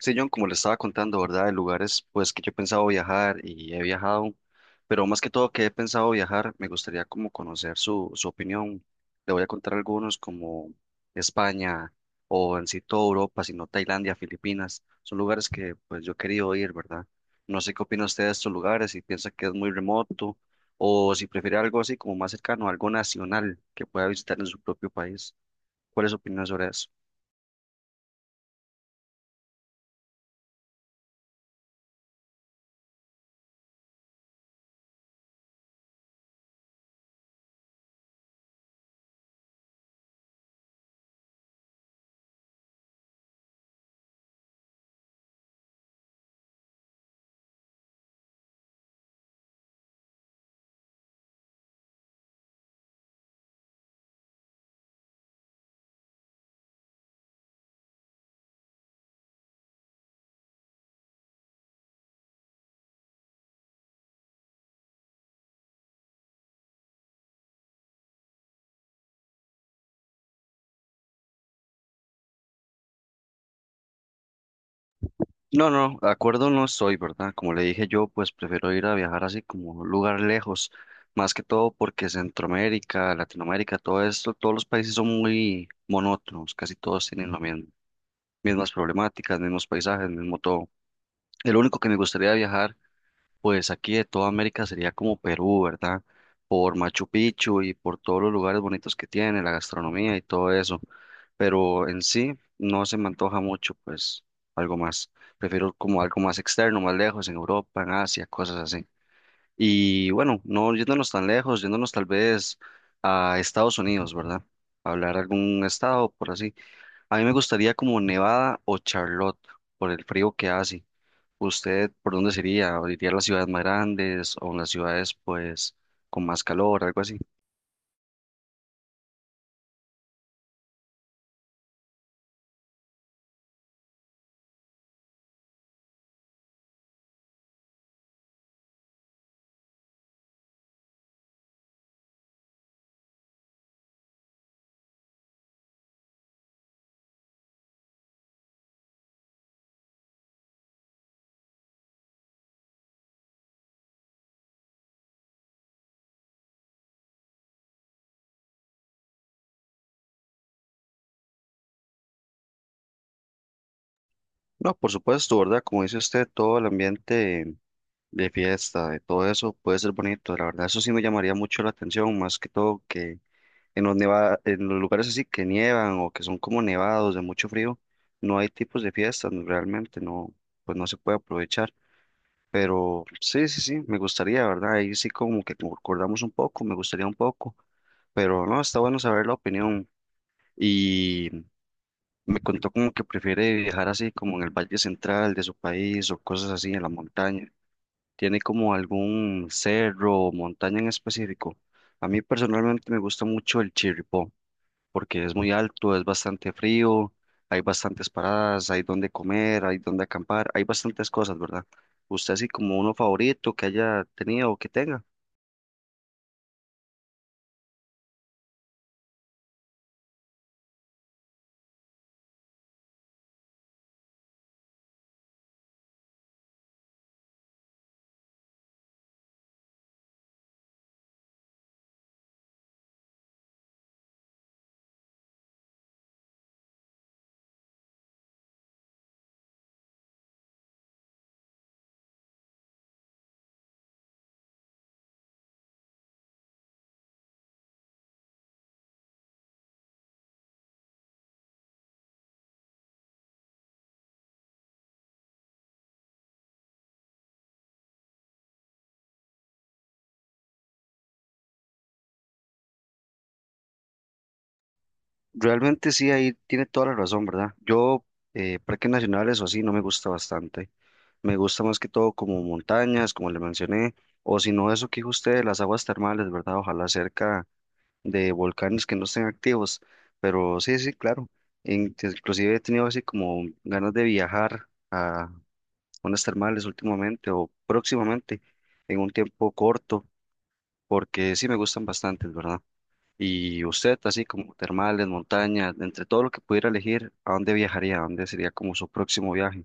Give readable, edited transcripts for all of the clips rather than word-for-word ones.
Sí, John, como le estaba contando, ¿verdad? De lugares pues que yo he pensado viajar y he viajado, pero más que todo que he pensado viajar, me gustaría como conocer su opinión. Le voy a contar algunos como España o en sí toda Europa, sino Tailandia, Filipinas. Son lugares que pues yo he querido ir, ¿verdad? No sé qué opina usted de estos lugares, si piensa que es muy remoto o si prefiere algo así como más cercano, algo nacional que pueda visitar en su propio país. ¿Cuál es su opinión sobre eso? No, no, de acuerdo no estoy, ¿verdad? Como le dije yo, pues prefiero ir a viajar así como un lugar lejos, más que todo porque Centroamérica, Latinoamérica, todo esto, todos los países son muy monótonos, casi todos tienen las mismas problemáticas, mismos paisajes, mismo todo. El único que me gustaría viajar pues aquí de toda América sería como Perú, ¿verdad? Por Machu Picchu y por todos los lugares bonitos que tiene, la gastronomía y todo eso. Pero en sí no se me antoja mucho, pues algo más. Prefiero como algo más externo, más lejos, en Europa, en Asia, cosas así. Y bueno, no yéndonos tan lejos, yéndonos tal vez a Estados Unidos, ¿verdad? Hablar algún estado por así. A mí me gustaría como Nevada o Charlotte por el frío que hace. ¿Usted por dónde sería? ¿Iría a las ciudades más grandes o en las ciudades pues con más calor, algo así? No, por supuesto, ¿verdad? Como dice usted, todo el ambiente de fiesta, de todo eso puede ser bonito, la verdad, eso sí me llamaría mucho la atención, más que todo que en los en los lugares así que nievan o que son como nevados de mucho frío, no hay tipos de fiestas, realmente no, pues no se puede aprovechar. Pero sí, sí, sí, me gustaría, ¿verdad? Ahí sí como que concordamos un poco, me gustaría un poco. Pero no, está bueno saber la opinión. Y me contó como que prefiere viajar así como en el valle central de su país o cosas así en la montaña. ¿Tiene como algún cerro o montaña en específico? A mí personalmente me gusta mucho el Chirripó porque es muy alto, es bastante frío, hay bastantes paradas, hay donde comer, hay donde acampar, hay bastantes cosas, ¿verdad? ¿Usted así como uno favorito que haya tenido o que tenga? Realmente sí, ahí tiene toda la razón, ¿verdad? Yo, parques nacionales o así, no me gusta bastante. Me gusta más que todo como montañas, como le mencioné, o si no, eso que dijo usted, las aguas termales, ¿verdad? Ojalá cerca de volcanes que no estén activos. Pero sí, sí, claro. Inclusive he tenido así como ganas de viajar a unas termales últimamente o próximamente, en un tiempo corto, porque sí me gustan bastante, ¿verdad? Y usted, así como termales, montañas, entre todo lo que pudiera elegir, ¿a dónde viajaría? ¿A dónde sería como su próximo viaje?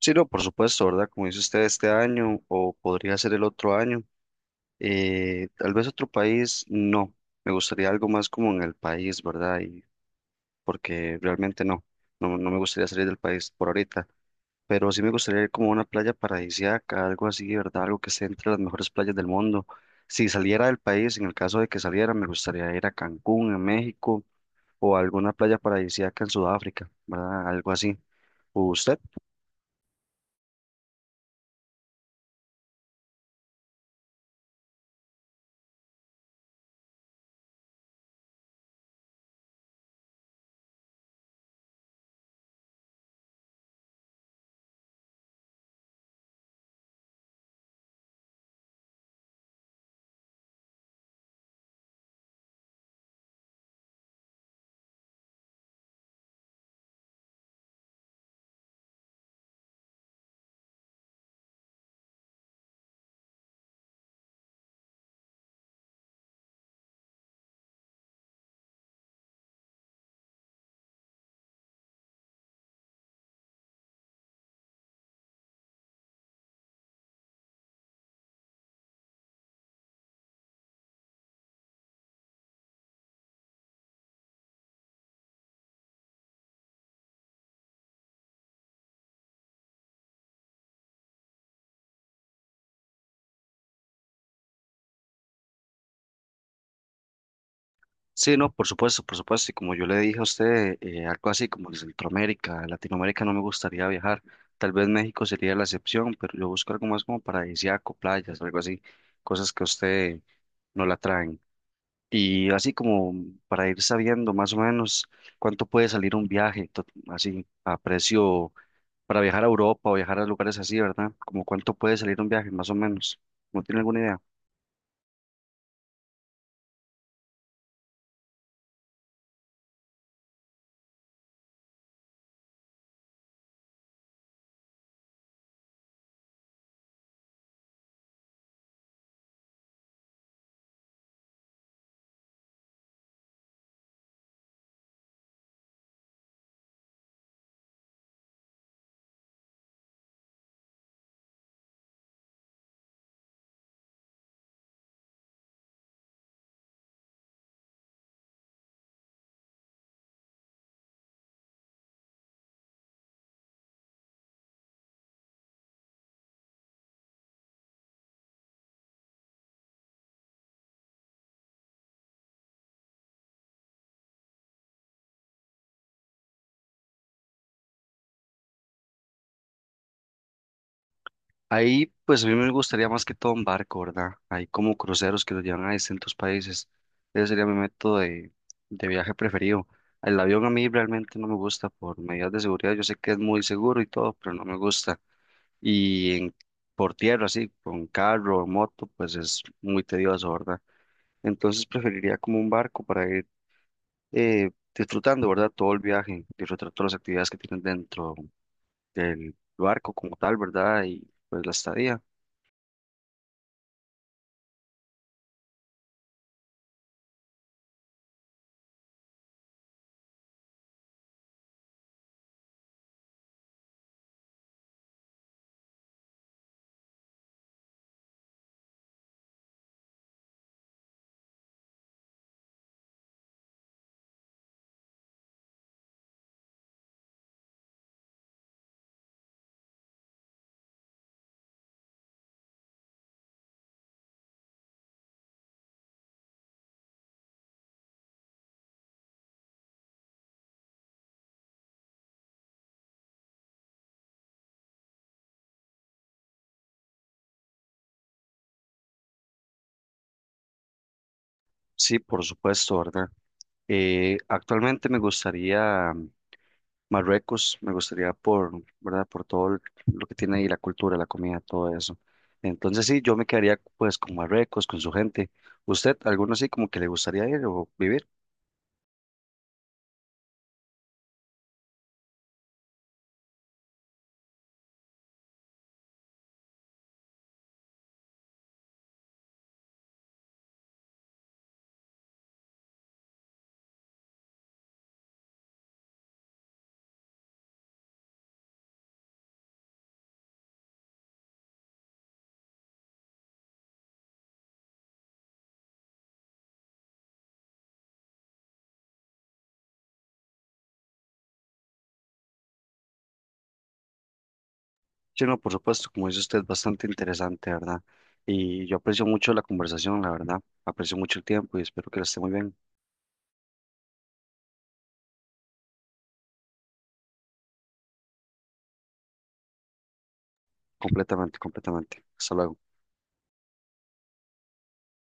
Sí, no, por supuesto, ¿verdad? Como dice usted, este año o podría ser el otro año. Tal vez otro país, no. Me gustaría algo más como en el país, ¿verdad? Y porque realmente no, no me gustaría salir del país por ahorita. Pero sí me gustaría ir como a una playa paradisíaca, algo así, ¿verdad? Algo que esté entre las mejores playas del mundo. Si saliera del país, en el caso de que saliera, me gustaría ir a Cancún, en México o alguna playa paradisíaca en Sudáfrica, ¿verdad? Algo así. ¿Usted? Sí, no, por supuesto, por supuesto. Y como yo le dije a usted, algo así como de Centroamérica, Latinoamérica no me gustaría viajar. Tal vez México sería la excepción, pero yo busco algo más como paradisíaco, playas, algo así, cosas que a usted no la traen. Y así como para ir sabiendo más o menos cuánto puede salir un viaje, así a precio para viajar a Europa o viajar a lugares así, ¿verdad? Como cuánto puede salir un viaje, más o menos. ¿No tiene alguna idea? Ahí, pues a mí me gustaría más que todo un barco, ¿verdad? Hay como cruceros que los llevan a distintos países. Ese sería mi método de viaje preferido. El avión a mí realmente no me gusta por medidas de seguridad. Yo sé que es muy seguro y todo, pero no me gusta. Y en- por tierra, así, con carro o moto, pues es muy tedioso, ¿verdad? Entonces preferiría como un barco para ir disfrutando, ¿verdad? Todo el viaje, disfrutar todas las actividades que tienen dentro del barco como tal, ¿verdad? Y pues la estadía. Sí, por supuesto, ¿verdad? Actualmente me gustaría Marruecos, me gustaría por, ¿verdad? Por todo lo que tiene ahí la cultura, la comida, todo eso. Entonces sí, yo me quedaría pues con Marruecos, con su gente. ¿Usted, alguno así como que le gustaría ir o vivir? Sí, no, por supuesto, como dice usted, bastante interesante, ¿verdad? Y yo aprecio mucho la conversación, la verdad. Aprecio mucho el tiempo y espero que la esté muy bien, completamente, completamente. Hasta luego.